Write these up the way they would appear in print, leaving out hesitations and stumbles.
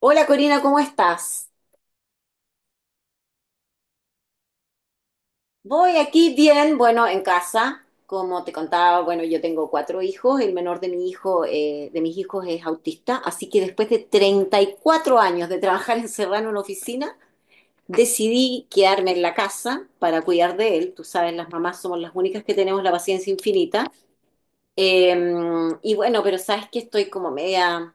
Hola Corina, ¿cómo estás? Voy aquí bien, bueno, en casa. Como te contaba, bueno, yo tengo cuatro hijos. El menor de mis hijos es autista, así que después de 34 años de trabajar encerrada en una oficina, decidí quedarme en la casa para cuidar de él. Tú sabes, las mamás somos las únicas que tenemos la paciencia infinita. Eh, y bueno, pero sabes que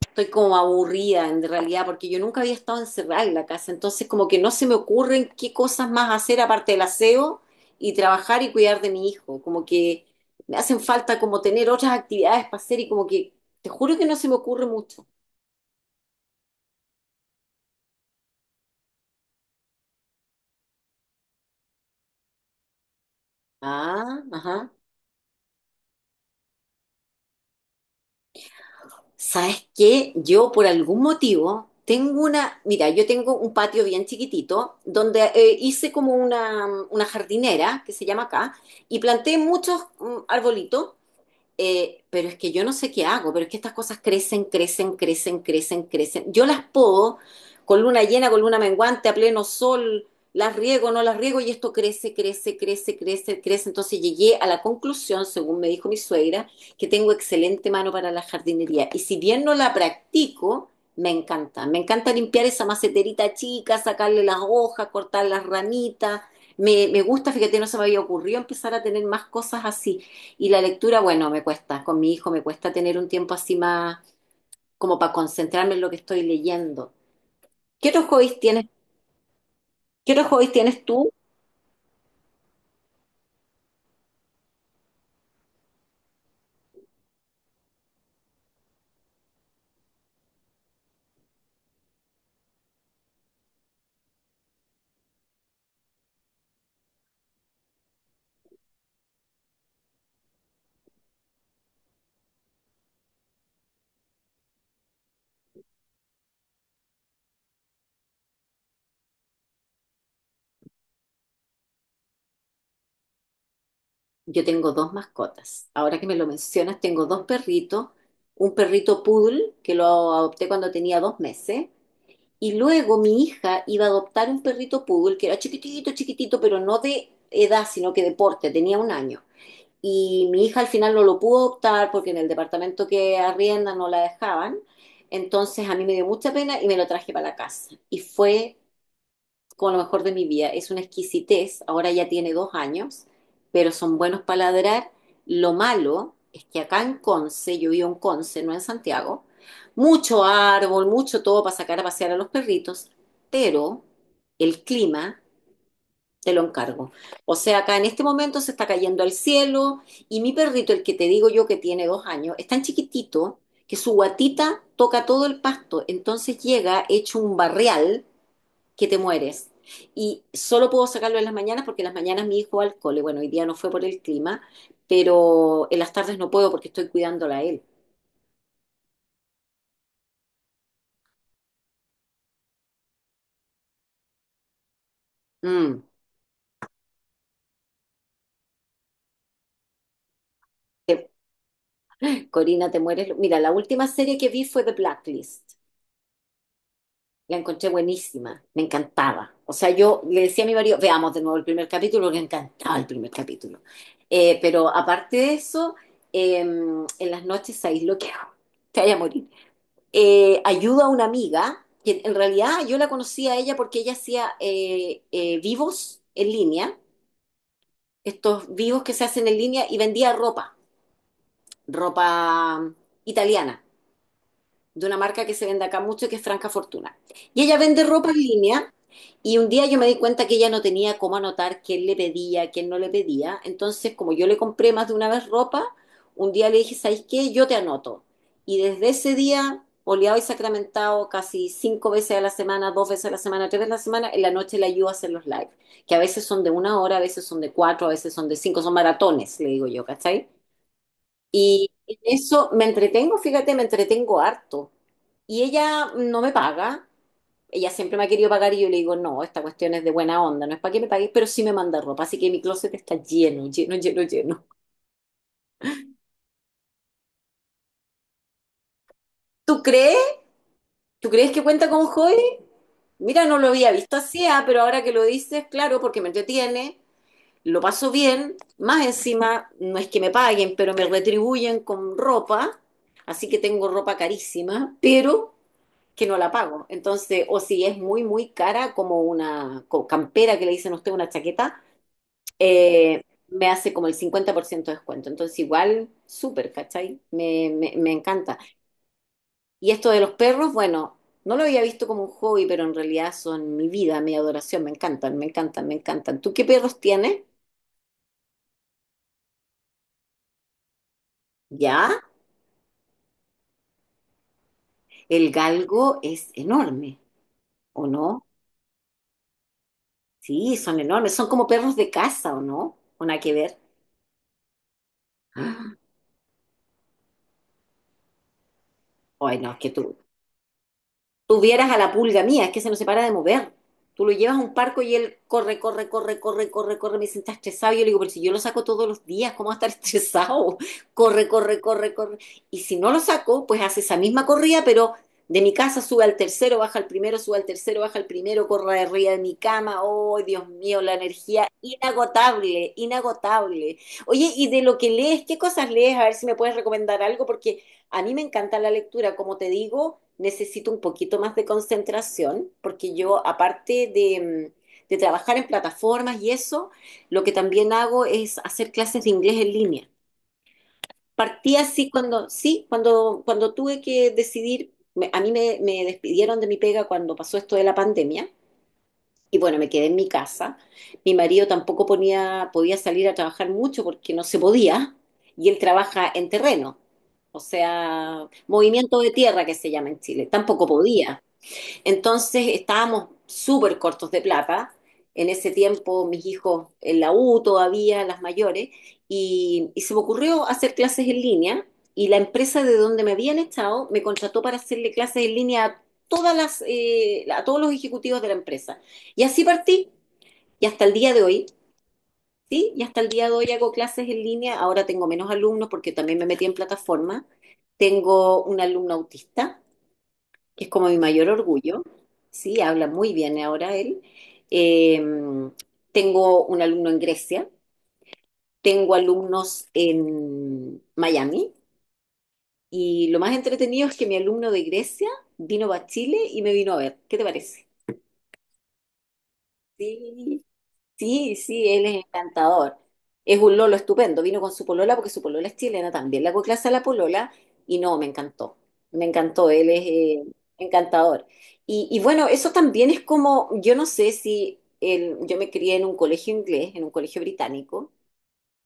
estoy como aburrida en realidad, porque yo nunca había estado encerrada en la casa, entonces como que no se me ocurren qué cosas más hacer aparte del aseo y trabajar y cuidar de mi hijo, como que me hacen falta como tener otras actividades para hacer, y como que te juro que no se me ocurre mucho. Ah, ajá. ¿Sabes qué? Yo por algún motivo tengo una, mira, yo tengo un patio bien chiquitito donde hice como una jardinera que se llama acá, y planté muchos arbolitos, pero es que yo no sé qué hago, pero es que estas cosas crecen, crecen, crecen, crecen, crecen. Yo las podo con luna llena, con luna menguante, a pleno sol, las riego, no las riego, y esto crece, crece, crece, crece, crece. Entonces llegué a la conclusión, según me dijo mi suegra, que tengo excelente mano para la jardinería. Y si bien no la practico, me encanta. Me encanta limpiar esa maceterita chica, sacarle las hojas, cortar las ramitas. Me gusta, fíjate, no se me había ocurrido empezar a tener más cosas así. Y la lectura, bueno, me cuesta, con mi hijo me cuesta tener un tiempo así más como para concentrarme en lo que estoy leyendo. ¿Qué otros hobbies tienes? ¿Qué otros hobbies tienes tú? Yo tengo dos mascotas. Ahora que me lo mencionas, tengo dos perritos, un perrito poodle que lo adopté cuando tenía 2 meses, y luego mi hija iba a adoptar un perrito poodle que era chiquitito, chiquitito, pero no de edad, sino que de porte, tenía 1 año. Y mi hija al final no lo pudo optar porque en el departamento que arrienda no la dejaban. Entonces a mí me dio mucha pena y me lo traje para la casa. Y fue como lo mejor de mi vida. Es una exquisitez. Ahora ya tiene 2 años, pero son buenos para ladrar. Lo malo es que acá en Conce, yo vivo en Conce, no en Santiago, mucho árbol, mucho todo para sacar a pasear a los perritos, pero el clima te lo encargo. O sea, acá en este momento se está cayendo al cielo, y mi perrito, el que te digo yo que tiene 2 años, es tan chiquitito que su guatita toca todo el pasto, entonces llega hecho un barrial que te mueres. Y solo puedo sacarlo en las mañanas porque en las mañanas mi hijo va al cole. Bueno, hoy día no fue por el clima, pero en las tardes no puedo porque estoy cuidándola a él. Mm. Corina, te mueres. Mira, la última serie que vi fue The Blacklist. La encontré buenísima, me encantaba. O sea, yo le decía a mi marido, veamos de nuevo el primer capítulo, que encantaba el primer capítulo. Pero aparte de eso, en las noches, ¿sabéis lo que hago? Te vaya a morir. Ayudo a una amiga, que en realidad yo la conocí a ella porque ella hacía vivos en línea, estos vivos que se hacen en línea y vendía ropa, ropa italiana, de una marca que se vende acá mucho, que es Franca Fortuna. Y ella vende ropa en línea. Y un día yo me di cuenta que ella no tenía cómo anotar quién le pedía, quién no le pedía. Entonces, como yo le compré más de una vez ropa, un día le dije, ¿sabes qué? Yo te anoto. Y desde ese día, oleado y sacramentado, casi cinco veces a la semana, dos veces a la semana, tres veces a la semana, en la noche le ayudo a hacer los live, que a veces son de una hora, a veces son de cuatro, a veces son de cinco, son maratones, le digo yo, ¿cachai? Y en eso me entretengo, fíjate, me entretengo harto. Y ella no me paga. Ella siempre me ha querido pagar y yo le digo, no, esta cuestión es de buena onda, no es para que me pagues, pero sí me manda ropa, así que mi closet está lleno, lleno, lleno, lleno. ¿Tú crees? ¿Tú crees que cuenta con hobby? Mira, no lo había visto así, ah, pero ahora que lo dices, claro, porque me entretiene, lo paso bien, más encima, no es que me paguen, pero me retribuyen con ropa, así que tengo ropa carísima, pero que no la pago. Entonces, o si es muy, muy cara, como una campera que le dicen a usted, una chaqueta, eh, me hace como el 50% de descuento. Entonces, igual, súper, ¿cachai? Me encanta. Y esto de los perros, bueno, no lo había visto como un hobby, pero en realidad son mi vida, mi adoración, me encantan, me encantan, me encantan. ¿Tú qué perros tienes? Ya, el galgo es enorme, ¿o no? Sí, son enormes, son como perros de casa, ¿o no? Una que ver. Ay, no, es que tuvieras a la pulga mía, es que se nos separa de mover. Tú lo llevas a un parco y él corre, corre, corre, corre, corre, corre, me sienta estresado. Y yo le digo, pero si yo lo saco todos los días, ¿cómo va a estar estresado? Corre, corre, corre, corre. Y si no lo saco, pues hace esa misma corrida, pero de mi casa sube al tercero, baja al primero, sube al tercero, baja al primero, corre arriba de mi cama. Oh, Dios mío, la energía inagotable, inagotable. Oye, y de lo que lees, ¿qué cosas lees? A ver si me puedes recomendar algo, porque a mí me encanta la lectura, como te digo, necesito un poquito más de concentración, porque yo, aparte de trabajar en plataformas y eso, lo que también hago es hacer clases de inglés en línea. Partí así cuando, sí, cuando tuve que decidir, a mí me despidieron de mi pega cuando pasó esto de la pandemia, y bueno, me quedé en mi casa. Mi marido tampoco podía salir a trabajar mucho porque no se podía. Y él trabaja en terreno, o sea, movimiento de tierra que se llama en Chile. Tampoco podía. Entonces estábamos súper cortos de plata. En ese tiempo mis hijos en la U todavía, las mayores, y se me ocurrió hacer clases en línea, y la empresa de donde me habían estado me contrató para hacerle clases en línea a todos los ejecutivos de la empresa. Y así partí, y hasta el día de hoy, ¿sí? Y hasta el día de hoy hago clases en línea. Ahora tengo menos alumnos porque también me metí en plataforma. Tengo un alumno autista que es como mi mayor orgullo, sí, habla muy bien ahora él. Eh, Tengo un alumno en Grecia, tengo alumnos en Miami, y lo más entretenido es que mi alumno de Grecia vino a Chile y me vino a ver. ¿Qué te parece? Sí. Sí, sí, él es encantador. Es un lolo estupendo. Vino con su polola porque su polola es chilena también. Le hago clase a la polola y no, me encantó. Me encantó, él es encantador. Y bueno, eso también es como, yo no sé si yo me crié en un colegio inglés, en un colegio británico,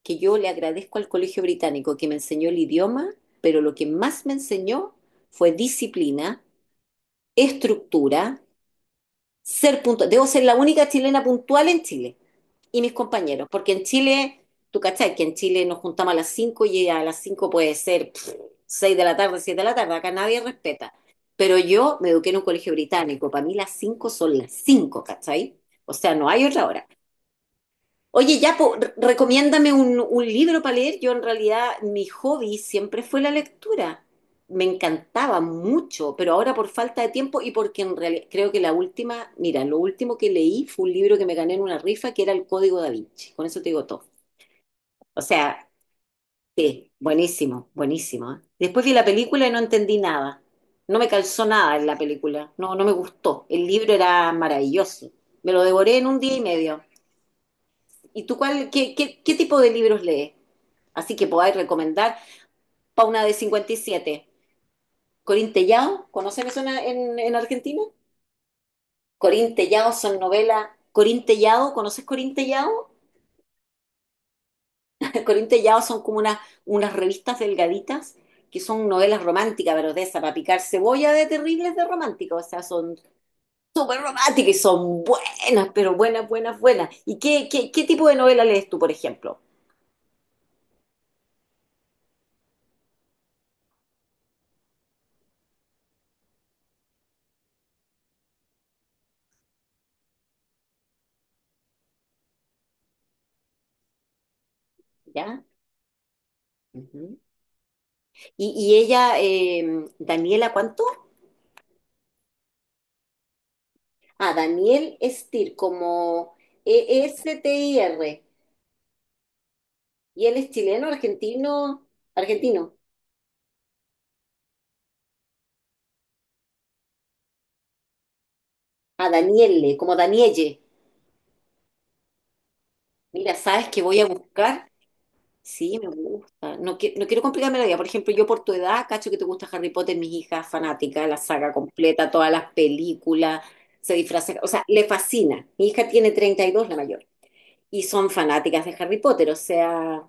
que yo le agradezco al colegio británico que me enseñó el idioma, pero lo que más me enseñó fue disciplina, estructura, ser puntual. Debo ser la única chilena puntual en Chile y mis compañeros, porque en Chile, tú cachai, que en Chile nos juntamos a las cinco, y a las 5 puede ser pff, 6 de la tarde, 7 de la tarde, acá nadie respeta. Pero yo me eduqué en un colegio británico, para mí las 5 son las cinco, ¿cachai? O sea, no hay otra hora. Oye, ya, po, recomiéndame un libro para leer. Yo en realidad mi hobby siempre fue la lectura. Me encantaba mucho, pero ahora por falta de tiempo, y porque en realidad creo que la última, mira, lo último que leí fue un libro que me gané en una rifa que era El Código Da Vinci. Con eso te digo todo. O sea, sí, buenísimo, buenísimo, ¿eh? Después vi la película y no entendí nada. No me calzó nada en la película. No, no me gustó. El libro era maravilloso. Me lo devoré en un día y medio. ¿Y tú qué tipo de libros lees? Así que podáis recomendar para una de 57. Corín Tellado, ¿conocen eso en Argentina? Corín Tellado son novelas. Corín Tellado, ¿conoces Corín Tellado? Corín Tellado son como unas, revistas delgaditas que son novelas románticas, pero de esa, para picar cebolla, de terribles de romántica, o sea, son súper románticas y son buenas, pero buenas, buenas, buenas. ¿Y qué tipo de novela lees tú, por ejemplo? ¿Ya? Ujú. Y ella, Daniela, ¿cuánto? Ah, Daniel Stier, como E-S-T-I-R. Y él es chileno, argentino, argentino. Ah, Daniele, como Danielle. Mira, ¿sabes qué voy a buscar? Sí, me gusta. No, no quiero complicarme la vida. Por ejemplo, yo por tu edad, cacho que te gusta Harry Potter, mis hijas fanática, la saga completa, todas las películas, se disfrazan. O sea, le fascina. Mi hija tiene 32, la mayor, y son fanáticas de Harry Potter. O sea,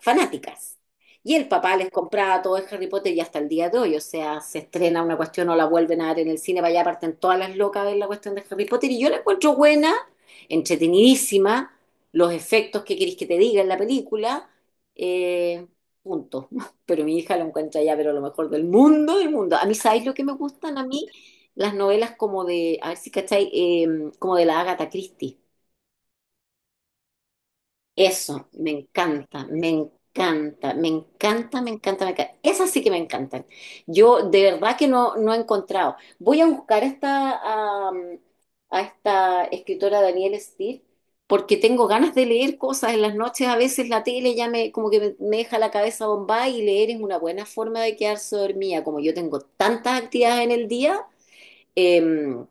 fanáticas. Y el papá les compraba todo de Harry Potter, y hasta el día de hoy, o sea, se estrena una cuestión o la vuelven a dar en el cine, para allá parten todas las locas a ver la cuestión de Harry Potter, y yo la encuentro buena, entretenidísima, los efectos que queréis que te diga en la película, eh, punto. Pero mi hija la encuentra ya, pero lo mejor del mundo, del mundo. A mí, ¿sabéis lo que me gustan a mí? Las novelas como de, a ver si cacháis, como de la Agatha Christie. Eso, me encanta, me encanta, me encanta, me encanta, me encanta. Esas sí que me encantan. Yo de verdad que no, no he encontrado. Voy a buscar esta, am, a esta escritora Danielle Steele, porque tengo ganas de leer cosas en las noches. A veces la tele como que me deja la cabeza bombada, y leer es una buena forma de quedarse dormida. Como yo tengo tantas actividades en el día, em,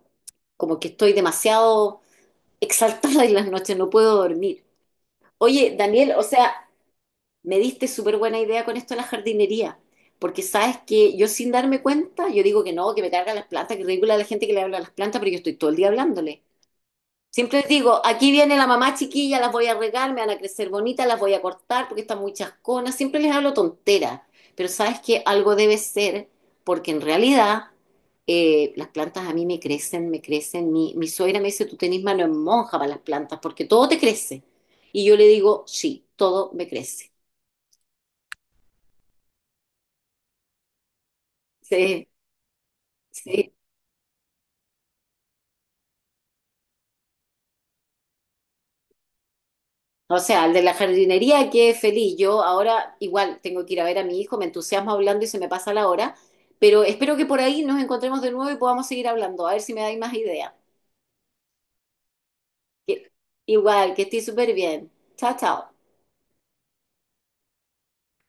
como que estoy demasiado exaltada en las noches, no puedo dormir. Oye, Daniel, o sea, me diste súper buena idea con esto de la jardinería, porque sabes que yo sin darme cuenta, yo digo que no, que me cargan las plantas, que ridícula la gente que le habla a las plantas, pero yo estoy todo el día hablándole. Siempre les digo, aquí viene la mamá chiquilla, las voy a regar, me van a crecer bonitas, las voy a cortar porque están muy chasconas, siempre les hablo tontera, pero sabes que algo debe ser, porque en realidad, las plantas a mí me crecen, mi suegra me dice, tú tenés mano en monja para las plantas, porque todo te crece. Y yo le digo, sí, todo me crece. Sí. Sí, o sea, el de la jardinería quedé feliz. Yo ahora igual tengo que ir a ver a mi hijo, me entusiasmo hablando y se me pasa la hora, pero espero que por ahí nos encontremos de nuevo y podamos seguir hablando, a ver si me dais más ideas. Que- Igual, que estoy súper bien. Chao, chao.